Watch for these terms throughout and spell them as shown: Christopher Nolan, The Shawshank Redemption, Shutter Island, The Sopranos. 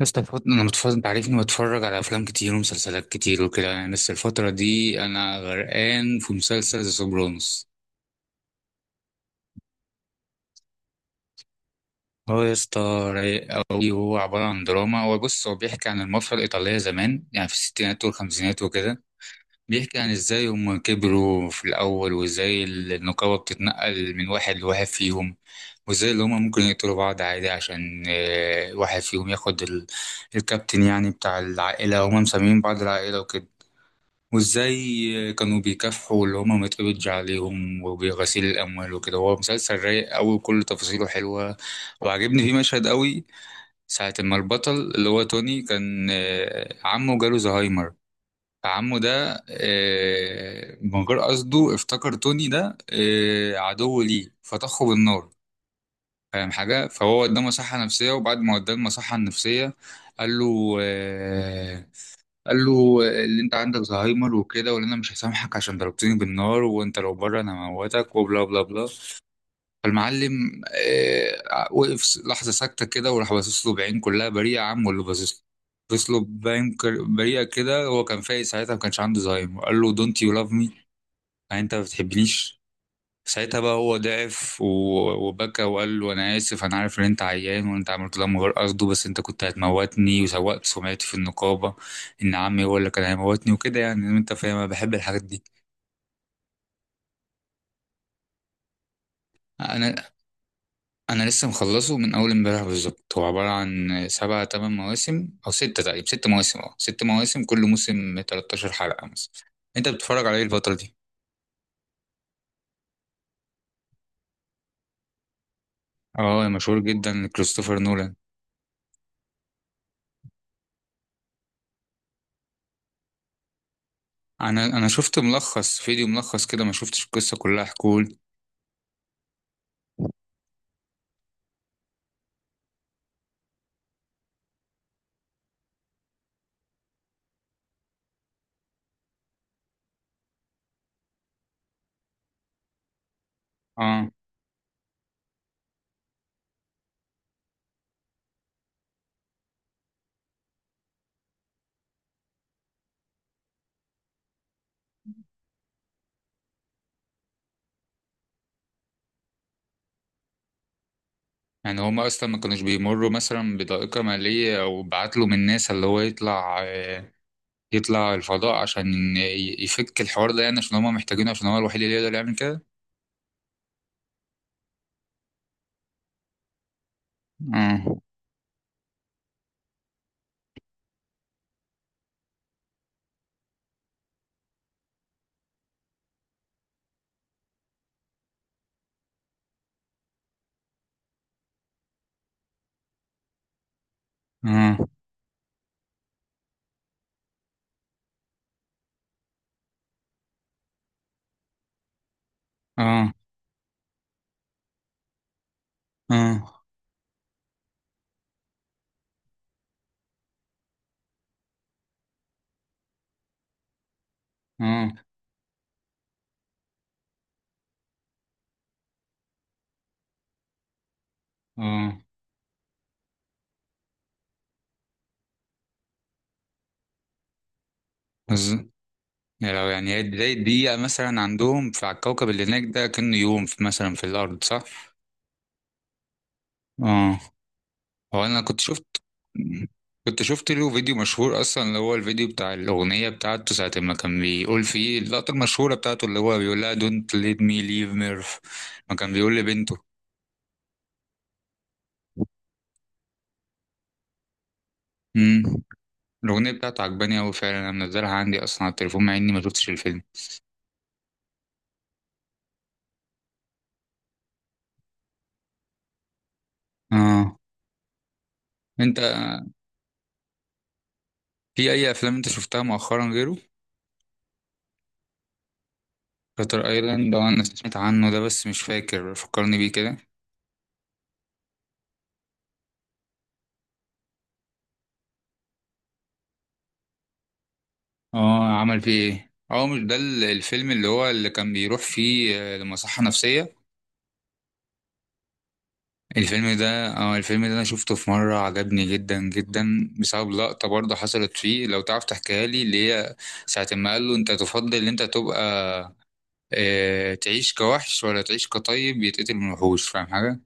يا اسطى انا متفرج، انت عارفني بتفرج على افلام كتير ومسلسلات كتير وكده يعني، بس الفتره دي انا غرقان في مسلسل ذا سوبرانوس. هو يا اسطى رايق قوي. هو عباره عن دراما، هو بص، هو بيحكي عن المافيا الايطاليه زمان يعني في الستينات والخمسينات وكده. بيحكي عن ازاي هم كبروا في الاول وازاي النقابه بتتنقل من واحد لواحد فيهم. وازاي اللي هم ممكن يقتلوا بعض عادي عشان واحد فيهم ياخد الكابتن يعني بتاع العائله، هم مسميين بعض العائله وكده. وازاي كانوا بيكافحوا اللي هما ما يتقبضش عليهم وبغسيل الاموال وكده. هو مسلسل رايق قوي وكل تفاصيله حلوه. وعجبني فيه مشهد قوي. ساعه ما البطل اللي هو توني كان عمه جاله زهايمر. فعمه ده من غير قصده افتكر توني ده عدو ليه فطخه بالنار. فاهم حاجه. فهو قدامه صحه نفسيه، وبعد ما قدامه صحه نفسيه قال له آه، قال له اللي انت عندك زهايمر وكده، وان انا مش هسامحك عشان ضربتني بالنار، وانت لو بره انا هموتك وبلا بلا بلا. فالمعلم وقف لحظه ساكته كده، وراح باصص له بعين كلها بريئه يا عم، واللي باصص له بعين بريئه كده. هو كان فايق ساعتها، ما كانش عنده زهايمر، قال له دونت يو لاف مي، يعني انت ما بتحبنيش. ساعتها بقى هو ضعف وبكى وقال له انا اسف، انا عارف ان انت عيان وانت عملت ده من غير قصده، بس انت كنت هتموتني وسوقت سمعتي في النقابه ان عمي هو اللي كان هيموتني وكده، يعني انت فاهم انا بحب الحاجات دي. انا انا لسه مخلصه من اول امبارح بالظبط. هو عباره عن سبع تمن مواسم او سته تقريبا، ست مواسم، اه، ست مواسم، كل موسم 13 حلقه مثلا. انت بتتفرج على ايه الفتره دي؟ اه، مشهور جدا، كريستوفر نولان. انا شفت ملخص، فيديو ملخص كده، ما شفتش القصه كلها. حكول. اه. يعني هما اصلا ما كانوش بيمروا مثلا بضائقة مالية او بعتلوا من ناس اللي هو يطلع يطلع الفضاء عشان يفك الحوار ده، يعني عشان هما محتاجينه عشان هو الوحيد اللي يقدر يعمل كده. اه. اه. اه. اه. اه. اه. بز- يعني لو، يعني هي بداية دقيقة مثلا عندهم في على الكوكب اللي هناك ده كأنه يوم في مثلا في الأرض، صح؟ اه. هو انا كنت شفت له فيديو مشهور اصلا، اللي هو الفيديو بتاع الاغنيه بتاعته ساعه ما كان بيقول فيه اللقطه المشهوره بتاعته، اللي هو بيقول لها دونت ليت مي ليف ميرف، ما كان بيقول لبنته. امم. الاغنيه بتاعته عجباني قوي فعلا، انا منزلها عندي اصلا على التليفون مع اني ما شفتش الفيلم. اه. انت في اي افلام انت شفتها مؤخرا غيره؟ شاتر ايلاند. اه، انا سمعت عنه ده بس مش فاكر، فكرني بيه كده. اه، عمل فيه ايه؟ اه، مش ده الفيلم اللي هو اللي كان بيروح فيه لمصحه نفسيه؟ الفيلم ده، اه، الفيلم ده انا شفته في مرة عجبني جدا جدا بسبب لقطة برضه حصلت فيه، لو تعرف تحكيها لي، اللي هي ساعة ما قال له انت تفضل ان انت تبقى، اه، تعيش كوحش ولا تعيش كطيب يتقتل من وحوش، فاهم حاجة؟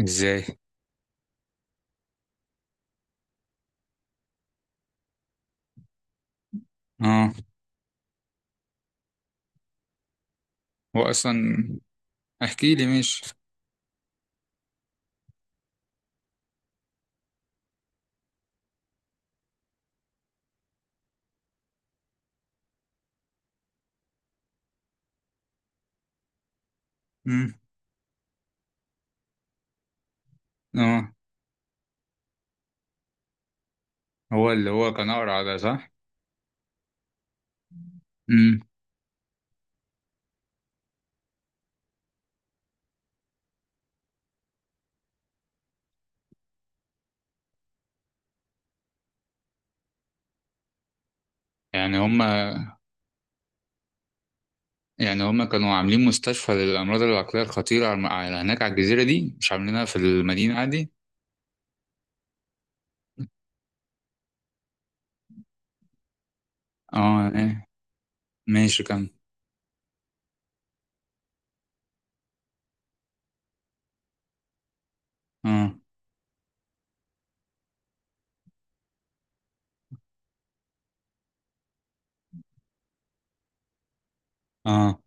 ازاي؟ اه. هو اصلا احكي لي، مش. مم. اه، هو اللي هو كان اقرع ده، صح؟ مم. يعني هما يعني هما كانوا عاملين مستشفى للأمراض العقلية الخطيرة على هناك على الجزيرة دي، مش عاملينها في المدينة عادي؟ اه. آه. ماشي، كمل. اه. اه.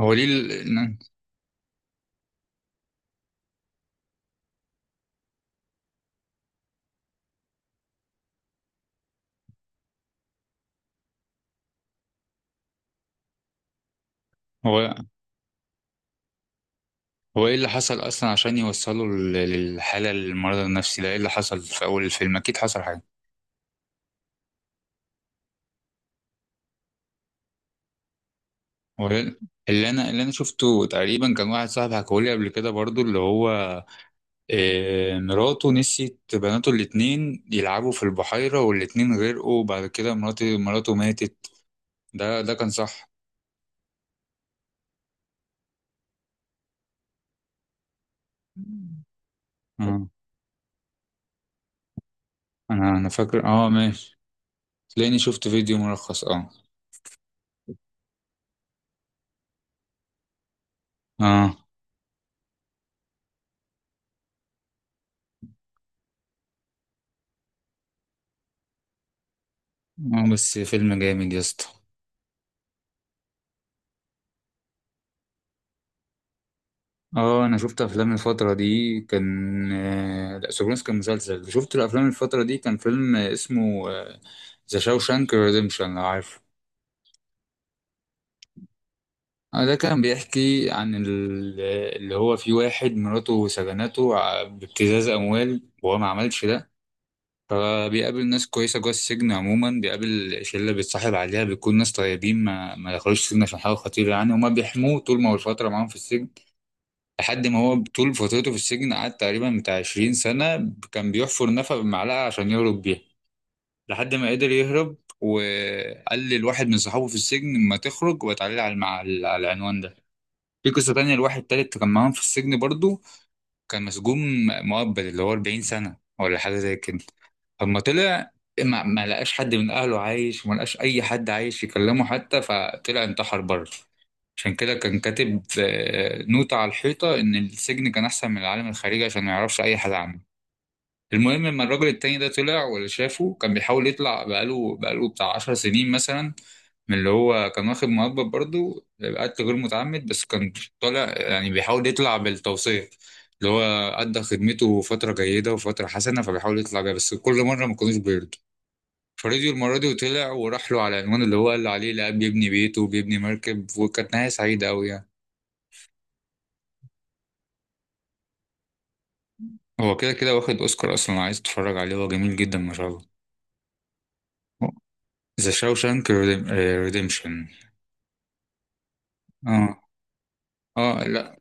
هو ليه هو هو ايه اللي حصل اصلا عشان يوصلوا للحاله المرض النفسي ده؟ ايه اللي حصل في اول الفيلم؟ اكيد حصل حاجه. هو ال- اللي انا شفته تقريبا كان واحد صاحبي حكولي قبل كده برضو، اللي هو مراته نسيت بناته الاتنين يلعبوا في البحيره والاتنين غرقوا، بعد كده مراته ماتت. ده كان صح؟ اه. انا فاكر، اه، ماشي. تلاقيني شفت فيديو ملخص، اه. اه. اه، بس فيلم جامد يا اسطى. اه، انا شفت افلام الفتره دي كان لا، سوبرانوس كان مسلسل، شفت الافلام الفتره دي كان فيلم اسمه ذا شاوشانك ريديمشن، لو عارفه. ده كان بيحكي عن اللي هو في واحد مراته سجنته بابتزاز اموال وهو ما عملش ده. فبيقابل ناس كويسه جوه السجن، عموما بيقابل شله بيتصاحب عليها، بيكون ناس طيبين ما دخلوش السجن عشان حاجه خطيره يعني، هما بيحموه طول ما هو الفتره معاهم في السجن. لحد ما هو طول فترته في السجن قعد تقريبا بتاع 20 سنة، كان بيحفر نفق بمعلقة عشان يهرب بيها لحد ما قدر يهرب. وقال لواحد من صحابه في السجن ما تخرج وتعالى على على العنوان ده. في قصة تانية لواحد تالت كان معاهم في السجن برضو، كان مسجون مؤبد، اللي هو 40 سنة ولا حاجة زي كده. اما طلع، ما لقاش حد من اهله عايش وما لقاش اي حد عايش يكلمه حتى، فطلع انتحر بره. عشان كده كان كاتب نوتة على الحيطة ان السجن كان احسن من العالم الخارجي عشان ما يعرفش اي حد عنه. المهم، لما الراجل التاني ده طلع واللي شافه كان بيحاول يطلع، بقاله بتاع 10 سنين مثلا، من اللي هو كان واخد مؤبد برضه. قتل غير متعمد بس كان طالع، يعني بيحاول يطلع بالتوصية، اللي هو أدى خدمته فترة جيدة وفترة حسنة فبيحاول يطلع بيها بس كل مرة ما كانوش بيرضوا. فرضيوا المرة دي وطلع وراح له على العنوان اللي هو قال عليه، لقى بيبني بيته وبيبني مركب، وكانت نهاية سعيدة أوي يعني. هو كده كده واخد أوسكار أصلا، عايز تتفرج عليه، هو جميل جدا ما شاء الله. ذا شاوشانك ريديمشن. اه. اه، لا،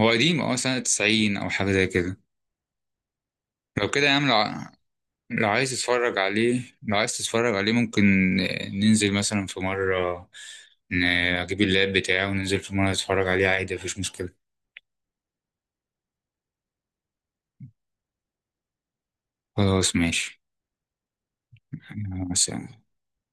هو قديم، اه، سنة 90 او حاجة زي كده. لو كده يا عم، لو لو عايز تتفرج عليه، لو عايز تتفرج عليه ممكن ننزل مثلا في مرة، ن- اجيب اللاب بتاعي وننزل في مرة نتفرج عليه عادي، مفيش مشكلة. خلاص ماشي. بس.